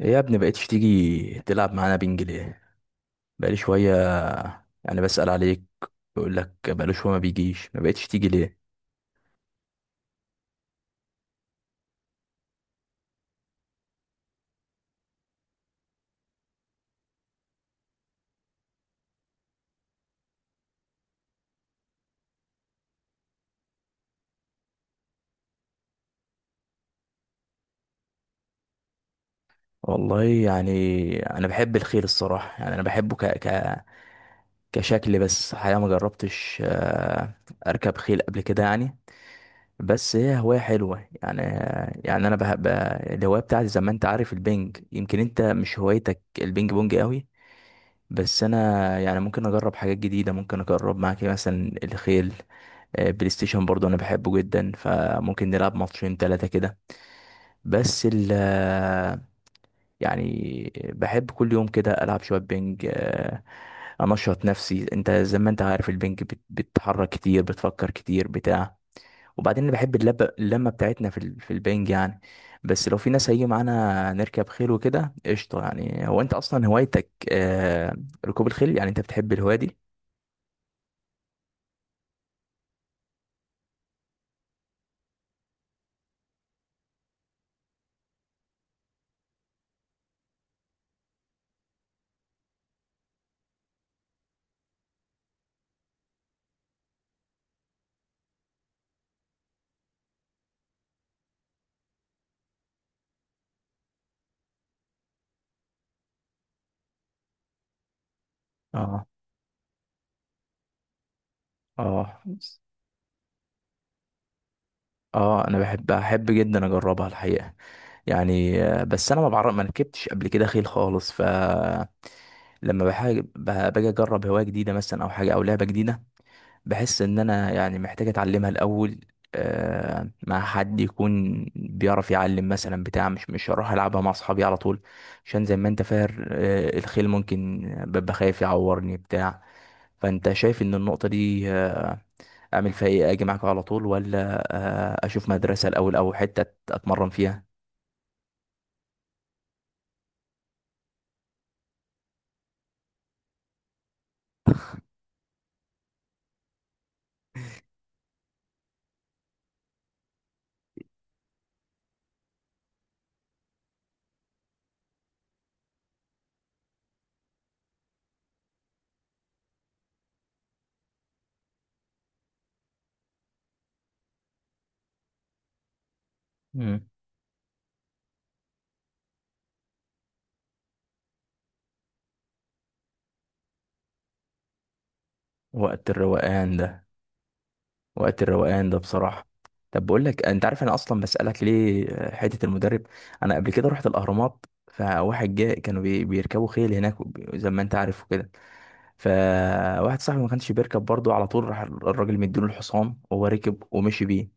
إيه يا ابني، بقيتش تيجي تلعب معانا بينج ليه؟ بقالي شوية. يعني بسأل عليك. بيقول لك بقاله شوية، ما بيجيش، ما بقيتش تيجي ليه؟ والله يعني. انا بحب الخيل الصراحة، يعني انا بحبه كشكل. بس الحقيقة ما جربتش، اركب خيل قبل كده يعني. بس هي هواية حلوة يعني. يعني انا بحب الهواية بتاعتي زي ما انت عارف. البينج يمكن انت مش هوايتك، البينج بونج قوي. بس انا يعني ممكن اجرب حاجات جديدة، ممكن اجرب معاك مثلا الخيل. بلاي ستيشن برضو انا بحبه جدا، فممكن نلعب ماتشين ثلاثة كده. بس ال آه، يعني بحب كل يوم كده العب شوية بينج، انشط نفسي. انت زي ما انت عارف البينج بتتحرك كتير، بتفكر كتير، بتاع. وبعدين انا بحب اللمه بتاعتنا في البنج يعني. بس لو في ناس هيجي معانا نركب خيل وكده قشطه. يعني هو انت اصلا هوايتك ركوب الخيل. يعني انت بتحب الهوايه دي؟ اه. اه. اه، انا بحب احب جدا اجربها الحقيقه يعني، بس انا ما بعرف، ما ركبتش قبل كده خيل خالص. لما باجي اجرب هوايه جديده مثلا او حاجه او لعبه جديده، بحس ان انا يعني محتاج اتعلمها الاول، مع حد يكون بيعرف يعلم مثلا بتاع. مش هروح العبها مع اصحابي على طول، عشان زي ما انت فاهم، الخيل ممكن ببقى خايف يعورني بتاع. فانت شايف ان النقطه دي اعمل فيها ايه؟ اجي معاكم على طول، ولا اشوف مدرسة الاول او حتة اتمرن فيها؟ مم. وقت الروقان ده. وقت الروقان ده بصراحة. طب بقول لك، انت عارف انا اصلا بسألك ليه حتة المدرب؟ انا قبل كده رحت الاهرامات، فواحد جاء كانوا بيركبوا خيل هناك، زي ما انت عارف وكده. فواحد صاحبي ما كانش بيركب برضه، على طول راح الراجل مديله الحصان وهو ركب ومشي بيه.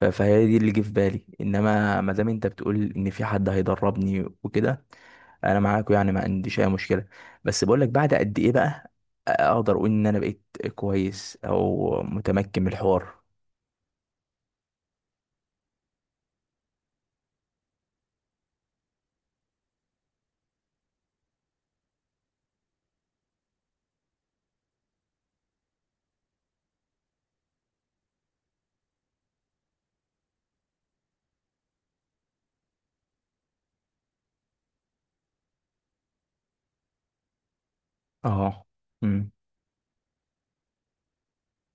فهي دي اللي جه في بالي، انما ما دام انت بتقول ان في حد هيدربني وكده، انا معاكوا يعني، ما عنديش اي مشكله. بس بقول لك، بعد قد ايه بقى اقدر اقول ان انا بقيت كويس او متمكن من الحوار؟ اه. امم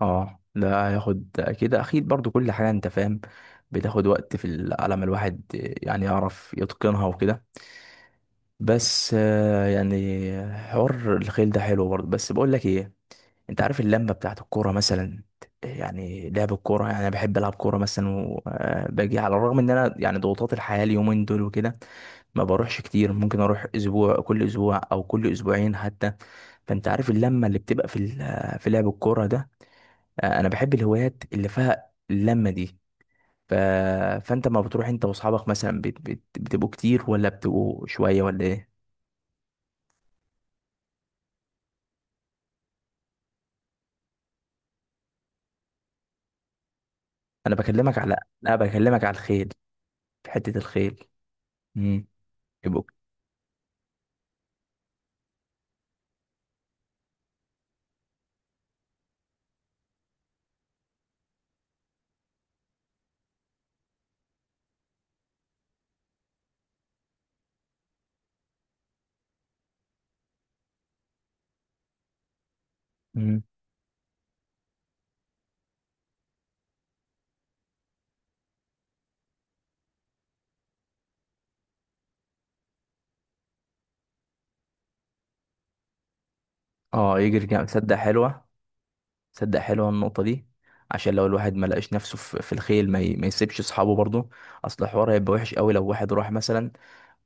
اه، ده هياخد اكيد اكيد برضو، كل حاجه انت فاهم بتاخد وقت على ما الواحد يعني يعرف يتقنها وكده. بس يعني حوار الخيل ده حلو برضو. بس بقول لك ايه، انت عارف اللمه بتاعت الكوره مثلا؟ يعني لعب الكوره، يعني انا بحب العب كوره مثلا وباجي. على الرغم ان انا يعني ضغوطات الحياه اليومين دول وكده ما بروحش كتير، ممكن اروح اسبوع، كل اسبوع او كل اسبوعين حتى. فانت عارف اللمه اللي بتبقى في لعب الكوره ده. انا بحب الهوايات اللي فيها اللمه دي. ف... فانت ما بتروح انت واصحابك مثلا بتبقوا كتير ولا بتبقوا شويه ولا ايه؟ انا بكلمك على. لا، بكلمك على الخيل، في حته الخيل. امم يبقوا. اه يجري جنب، تصدق حلوة. تصدق حلوة النقطة دي. عشان لو الواحد ما لقاش نفسه في الخيل، ما يسيبش اصحابه برضه. اصل الحوار هيبقى وحش قوي لو واحد راح مثلا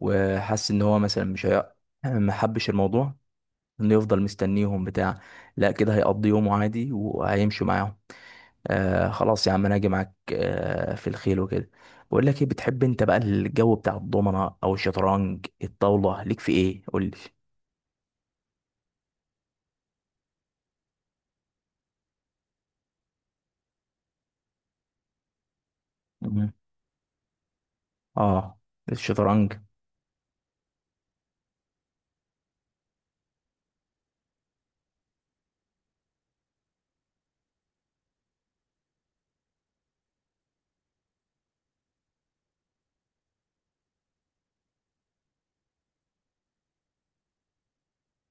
وحس ان هو مثلا مش هي... ما حبش الموضوع، انه يفضل مستنيهم بتاع. لا، كده هيقضي يومه عادي وهيمشي معاهم. خلاص يا عم، انا هاجي معاك في الخيل وكده. بقول لك ايه، بتحب انت بقى الجو بتاع الضمنة او الشطرنج الطاولة؟ ليك في ايه قول لي. مم. اه. الشطرنج.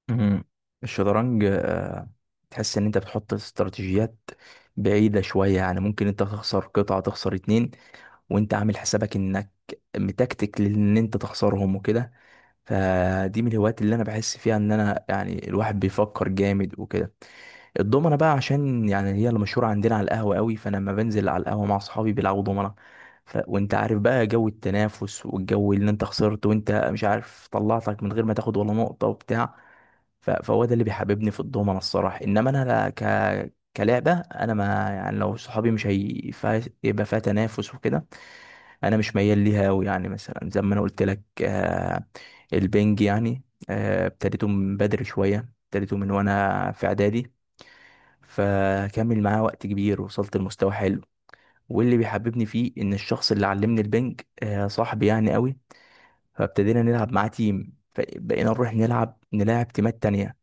مم. الشطرنج تحس ان انت بتحط استراتيجيات بعيدة شوية. يعني ممكن انت تخسر قطعة، تخسر اتنين، وانت عامل حسابك انك متكتك لان انت تخسرهم وكده. فدي من الهوايات اللي انا بحس فيها ان انا يعني الواحد بيفكر جامد وكده. الضمنة بقى عشان يعني هي اللي مشهورة عندنا على القهوة قوي، فانا لما بنزل على القهوة مع اصحابي بيلعبوا ضمنة. وانت عارف بقى جو التنافس، والجو اللي انت خسرت وانت مش عارف طلعتك من غير ما تاخد ولا نقطة وبتاع. فهو ده اللي بيحببني في الضومنة الصراحة. انما انا لا كلعبة، انا ما يعني، لو صحابي مش يبقى فيها تنافس وكده انا مش ميال ليها قوي. يعني مثلا زي ما انا قلت لك، البنج يعني. ابتديته من بدري شوية، ابتديته من وانا في اعدادي، فكمل معاه وقت كبير، وصلت لمستوى حلو. واللي بيحببني فيه ان الشخص اللي علمني البنج، صاحبي يعني قوي، فابتدينا نلعب معاه تيم، فبقينا نروح نلاعب تيمات تانية،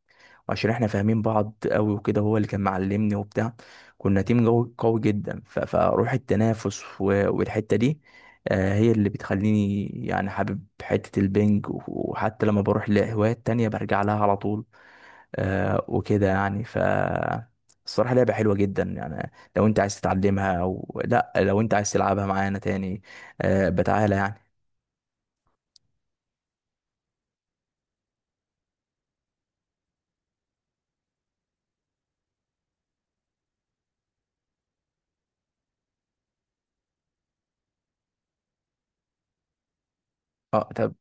عشان احنا فاهمين بعض قوي وكده. هو اللي كان معلمني وبتاع، كنا تيم قوي قوي جدا. فروح التنافس والحتة دي، هي اللي بتخليني يعني حابب حتة البنج، وحتى لما بروح لهوايات تانية برجع لها على طول. وكده يعني. الصراحة لعبة حلوة جدا يعني. لو انت عايز تتعلمها او لا، لو انت عايز تلعبها معانا تاني بتعالى يعني. اه.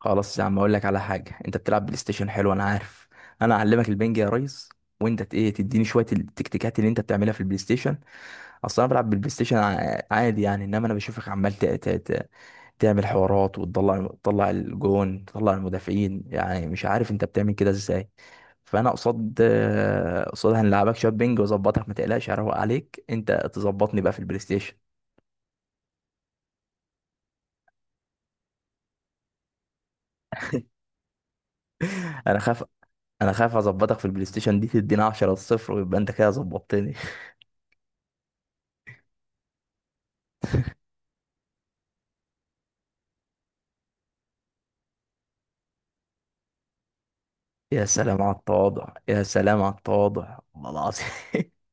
خلاص يا عم، اقول لك على حاجه، انت بتلعب بلاي ستيشن حلو انا عارف. انا اعلمك البنج يا ريس، وانت ايه تديني شويه التكتيكات اللي انت بتعملها في البلاي ستيشن. اصلا انا بلعب بالبلاي ستيشن عادي يعني، انما انا بشوفك عمال تعمل حوارات، وتطلع الجون، تطلع المدافعين، يعني مش عارف انت بتعمل كده ازاي. فانا قصاد هنلعبك شويه بينج واظبطك، ما تقلقش هروق عليك، انت تظبطني بقى في البلاي ستيشن. انا خاف انا خايف اظبطك في البلاي ستيشن دي، تدينا 10 صفر ويبقى انت كده ظبطتني. يا سلام على التواضع، يا سلام على التواضع، والله العظيم.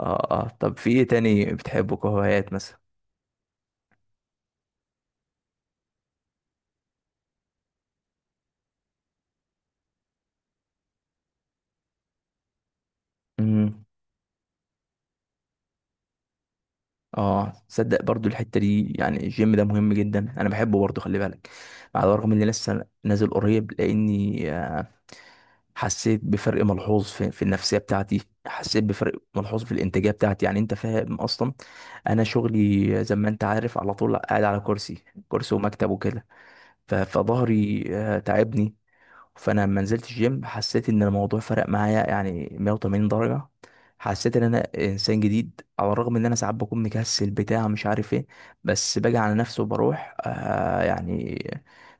اه اه، طب في ايه تاني بتحبه كهوايات مثلا؟ امم اه، صدق برضو الحته دي، يعني الجيم ده مهم جدا، انا بحبه برضو خلي بالك. على الرغم اني لسه نازل قريب، لاني حسيت بفرق ملحوظ في النفسيه بتاعتي، حسيت بفرق ملحوظ في الانتاجيه بتاعتي. يعني انت فاهم اصلا، انا شغلي زي ما انت عارف على طول قاعد على كرسي. كرسي ومكتب وكده، فظهري تعبني. فانا لما نزلت الجيم حسيت ان الموضوع فرق معايا يعني 180 درجة، حسيت ان انا انسان جديد. على الرغم ان انا ساعات بكون مكسل بتاع مش عارف ايه، بس باجي على نفسي وبروح يعني.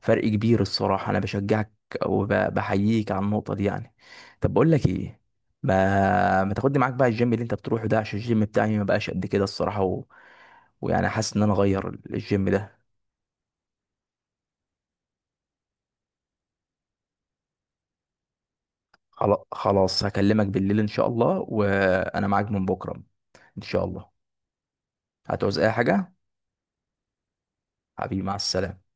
فرق كبير الصراحة، انا بشجعك وبحييك على النقطة دي يعني. طب بقول لك ايه، ما تاخدني معاك بقى الجيم اللي انت بتروحه ده؟ عشان الجيم بتاعي ما بقاش قد كده الصراحة، ويعني حاسس ان انا اغير الجيم ده. خلاص هكلمك بالليل ان شاء الله، وانا معاك من بكره ان شاء الله. هتعوز اي حاجه. حبيبي مع السلامه.